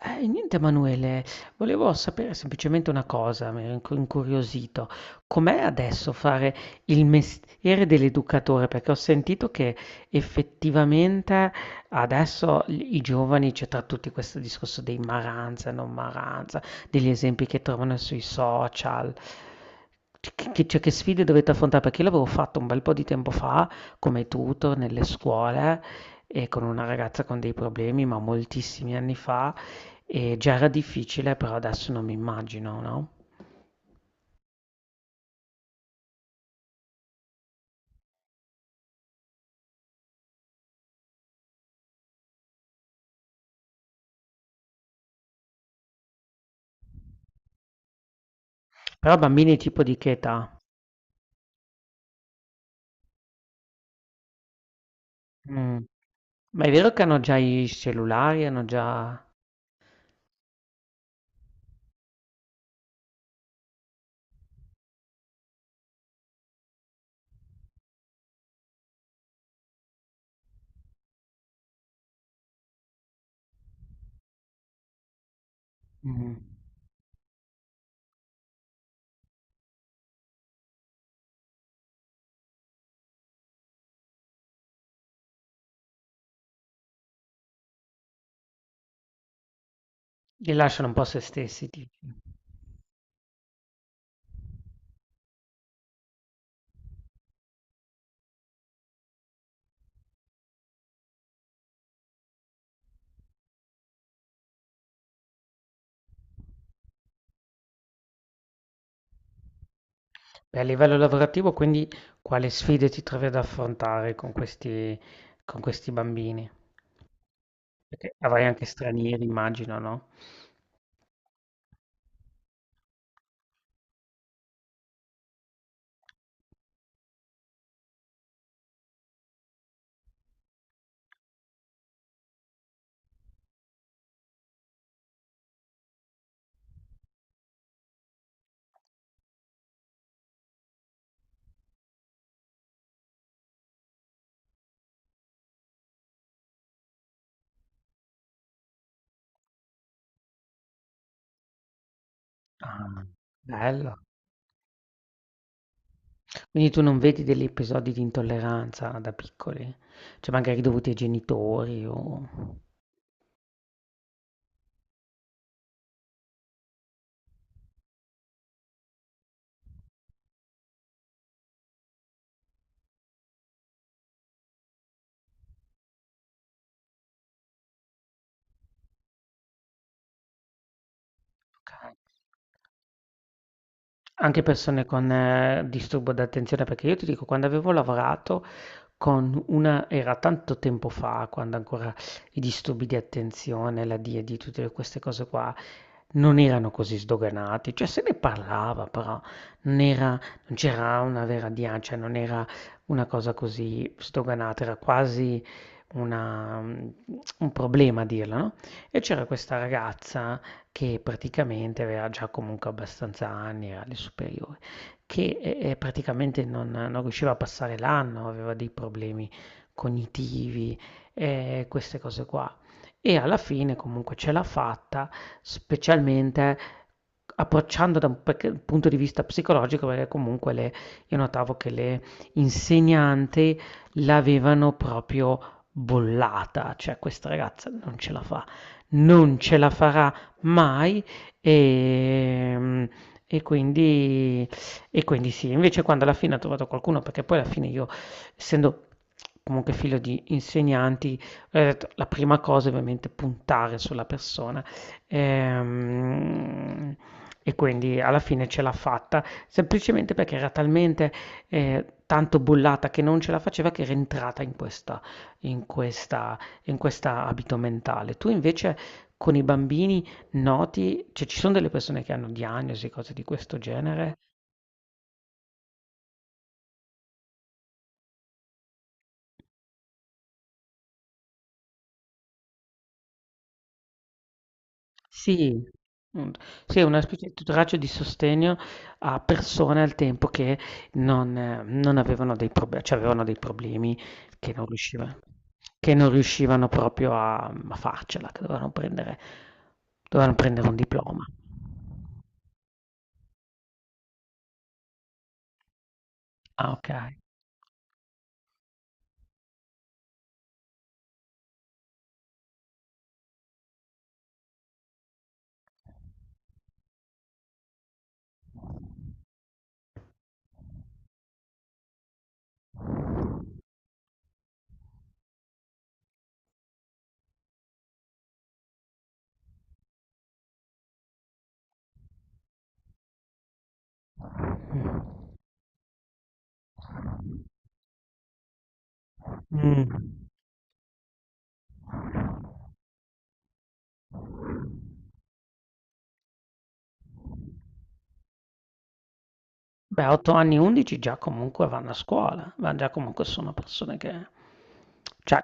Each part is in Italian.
Niente Emanuele, volevo sapere semplicemente una cosa, incuriosito. Com'è adesso fare il mestiere dell'educatore? Perché ho sentito che effettivamente adesso i giovani, c'è tra tutti questo discorso dei maranza, non maranza, degli esempi che trovano sui social. Che sfide dovete affrontare? Perché io l'avevo fatto un bel po' di tempo fa come tutor nelle scuole e con una ragazza con dei problemi, ma moltissimi anni fa. E già era difficile, però adesso non mi immagino, no? Però bambini tipo di che età? Mm. Ma è vero che hanno già i cellulari, hanno già... Mm. Li lasciano un po' a se stessi, dici. Beh, a livello lavorativo, quindi quale sfide ti trovi ad affrontare con questi bambini? Perché avrai anche stranieri, immagino, no? Ah, bello. Quindi tu non vedi degli episodi di intolleranza da piccoli? Cioè magari dovuti ai genitori o... Ok. Anche persone con disturbo d'attenzione, perché io ti dico, quando avevo lavorato con una, era tanto tempo fa, quando ancora i disturbi di attenzione, la DID, tutte queste cose qua, non erano così sdoganati, cioè se ne parlava, però non era, non c'era una vera DIA, cioè non era una cosa così sdoganata, era quasi una, un problema a dirla, no? E c'era questa ragazza che praticamente aveva già comunque abbastanza anni, era alle superiori, che praticamente non, non riusciva a passare l'anno, aveva dei problemi cognitivi, queste cose qua. E alla fine comunque ce l'ha fatta, specialmente approcciando da un perché- punto di vista psicologico, perché io notavo che le insegnanti l'avevano proprio bollata, cioè questa ragazza non ce la fa, non ce la farà mai e, e quindi, e quindi sì, invece quando alla fine ha trovato qualcuno, perché poi alla fine io, essendo comunque figlio di insegnanti, ho detto, la prima cosa è ovviamente puntare sulla persona. Ehm, e quindi alla fine ce l'ha fatta, semplicemente perché era talmente tanto bollata che non ce la faceva, che era entrata in questa in questa abito mentale. Tu invece con i bambini noti, cioè ci son delle persone che hanno diagnosi, cose di questo genere? Sì, mhmm, sì, è una specie di tutoraggio di sostegno a persone al tempo che non avevano dei proble cioè avevano dei problemi che non riusciva che non riuscivano proprio a farcela, che dovevano prendere un diploma. Ah, okay. Mh. Mh. Beh, a 8 anni, 11 già comunque vanno a scuola, ma già comunque sono persone che... Cioè,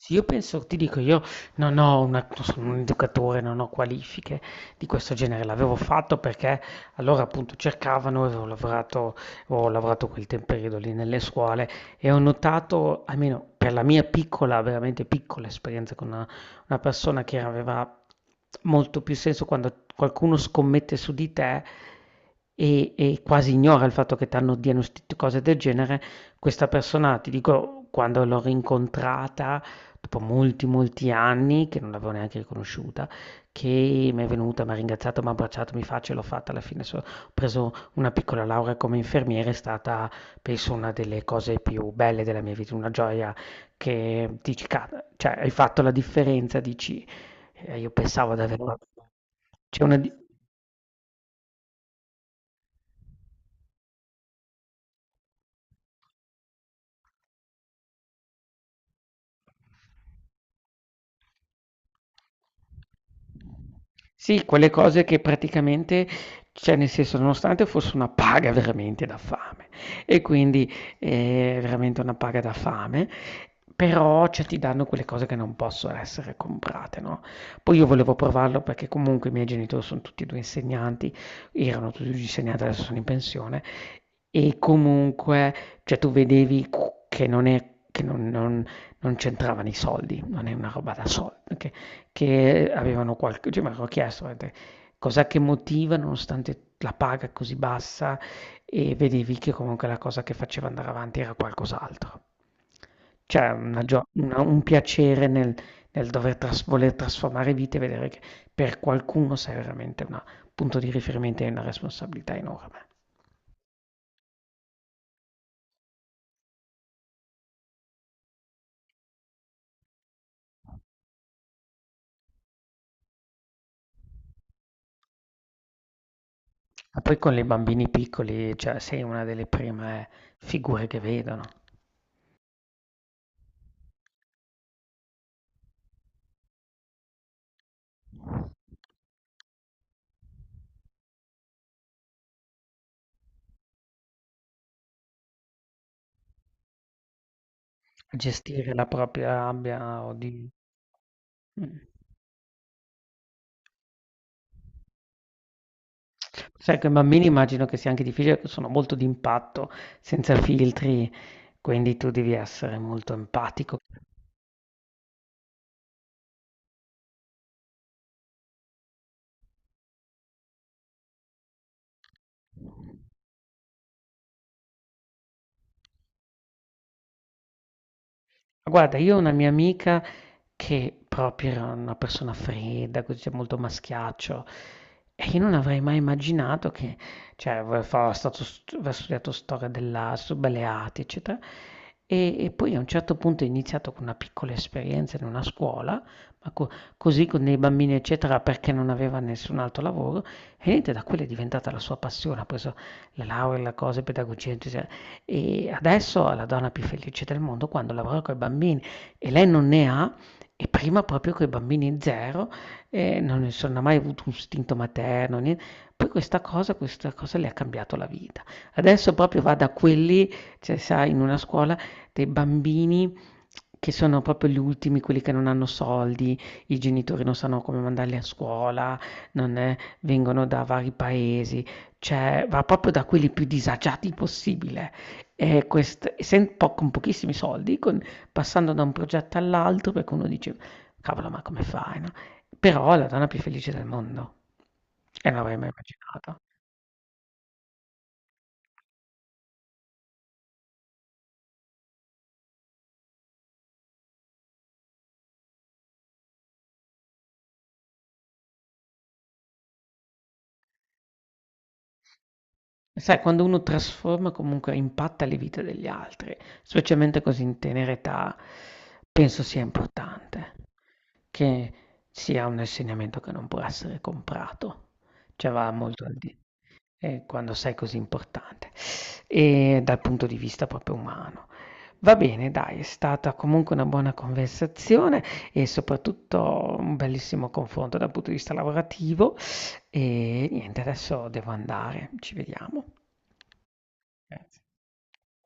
sì, io penso, ti dico, io non ho una, non sono un educatore, non ho qualifiche di questo genere, l'avevo fatto perché allora appunto cercavano, avevo lavorato, ho lavorato quel periodo lì nelle scuole e ho notato, almeno per la mia piccola, veramente piccola esperienza con una persona, che aveva molto più senso quando qualcuno scommette su di te e quasi ignora il fatto che ti hanno diagnosticato cose del genere, questa persona, ti dico, quando l'ho rincontrata, dopo molti, molti anni, che non l'avevo neanche riconosciuta, che mi è venuta, m'ha ringraziato, m'ha abbracciato, mi fa, ce l'ho fatta alla fine. Ho preso una piccola laurea come infermiere, è stata, penso, una delle cose più belle della mia vita, una gioia che dici, cioè, hai fatto la differenza", dici, io pensavo di averla. C'è una, di- Sì, quelle cose che praticamente, cioè nel senso, nonostante fosse una paga veramente da fame, e quindi è veramente una paga da fame, però cioè, ti danno quelle cose che non possono essere comprate, no? Poi io volevo provarlo perché comunque i miei genitori sono tutti e due insegnanti, erano tutti e due insegnanti, adesso sono in pensione, e comunque, che non è, che non, non c'entravano i soldi, non è una roba da soldi, che avevano qualche, cioè mi avevo chiesto cos'è che motiva nonostante la paga così bassa e vedevi che comunque la cosa che faceva andare avanti era qualcos'altro. C'è una gio- una- Un piacere nel, voler trasformare vite e vedere che per qualcuno sei veramente un punto di riferimento e una responsabilità enorme. Ma poi con i bambini piccoli, cioè, sei una delle prime figure che vedono. Gestire la propria rabbia o di... Mm. Sai, con i bambini immagino che sia anche difficile, perché sono molto d'impatto, senza filtri, quindi tu devi essere molto empatico. Guarda, io ho una mia amica che proprio era una persona fredda, così, cioè molto maschiaccio, e io non avrei mai immaginato che, cioè, aveva fa- stato st- aveva studiato storia dell'arte, belle arti, eccetera, e poi a un certo punto è iniziato con una piccola esperienza in una scuola, ma co- così con dei bambini, eccetera, perché non aveva nessun altro lavoro, e niente, da quella è diventata la sua passione, ha preso la laurea, la cosa, in pedagogia, eccetera. E adesso è la donna più felice del mondo quando lavora con i bambini e lei non ne ha, e prima proprio con i bambini zero, non ne sono mai avuto un istinto materno, niente. Poi questa cosa le ha cambiato la vita. Adesso proprio va da quelli, cioè sai, in una scuola dei bambini che sono proprio gli ultimi, quelli che non hanno soldi, i genitori non sanno come mandarli a scuola, non è- vengono da vari paesi, cioè va proprio da quelli più disagiati possibile. E quest essen po con pochissimi soldi, con passando da un progetto all'altro, perché uno dice: "Cavolo, ma come fai, no?" Però è la donna più felice del mondo, e non l'avrei mai immaginata. Sai, quando uno trasforma, comunque impatta le vite degli altri, specialmente così in tenera età, penso sia importante che sia un insegnamento che non può essere comprato, cioè va molto al di quando sei così importante e dal punto di vista proprio umano. Va bene, dai, è stata comunque una buona conversazione e soprattutto un bellissimo confronto dal punto di vista lavorativo e niente, adesso devo andare. Ci vediamo. Grazie.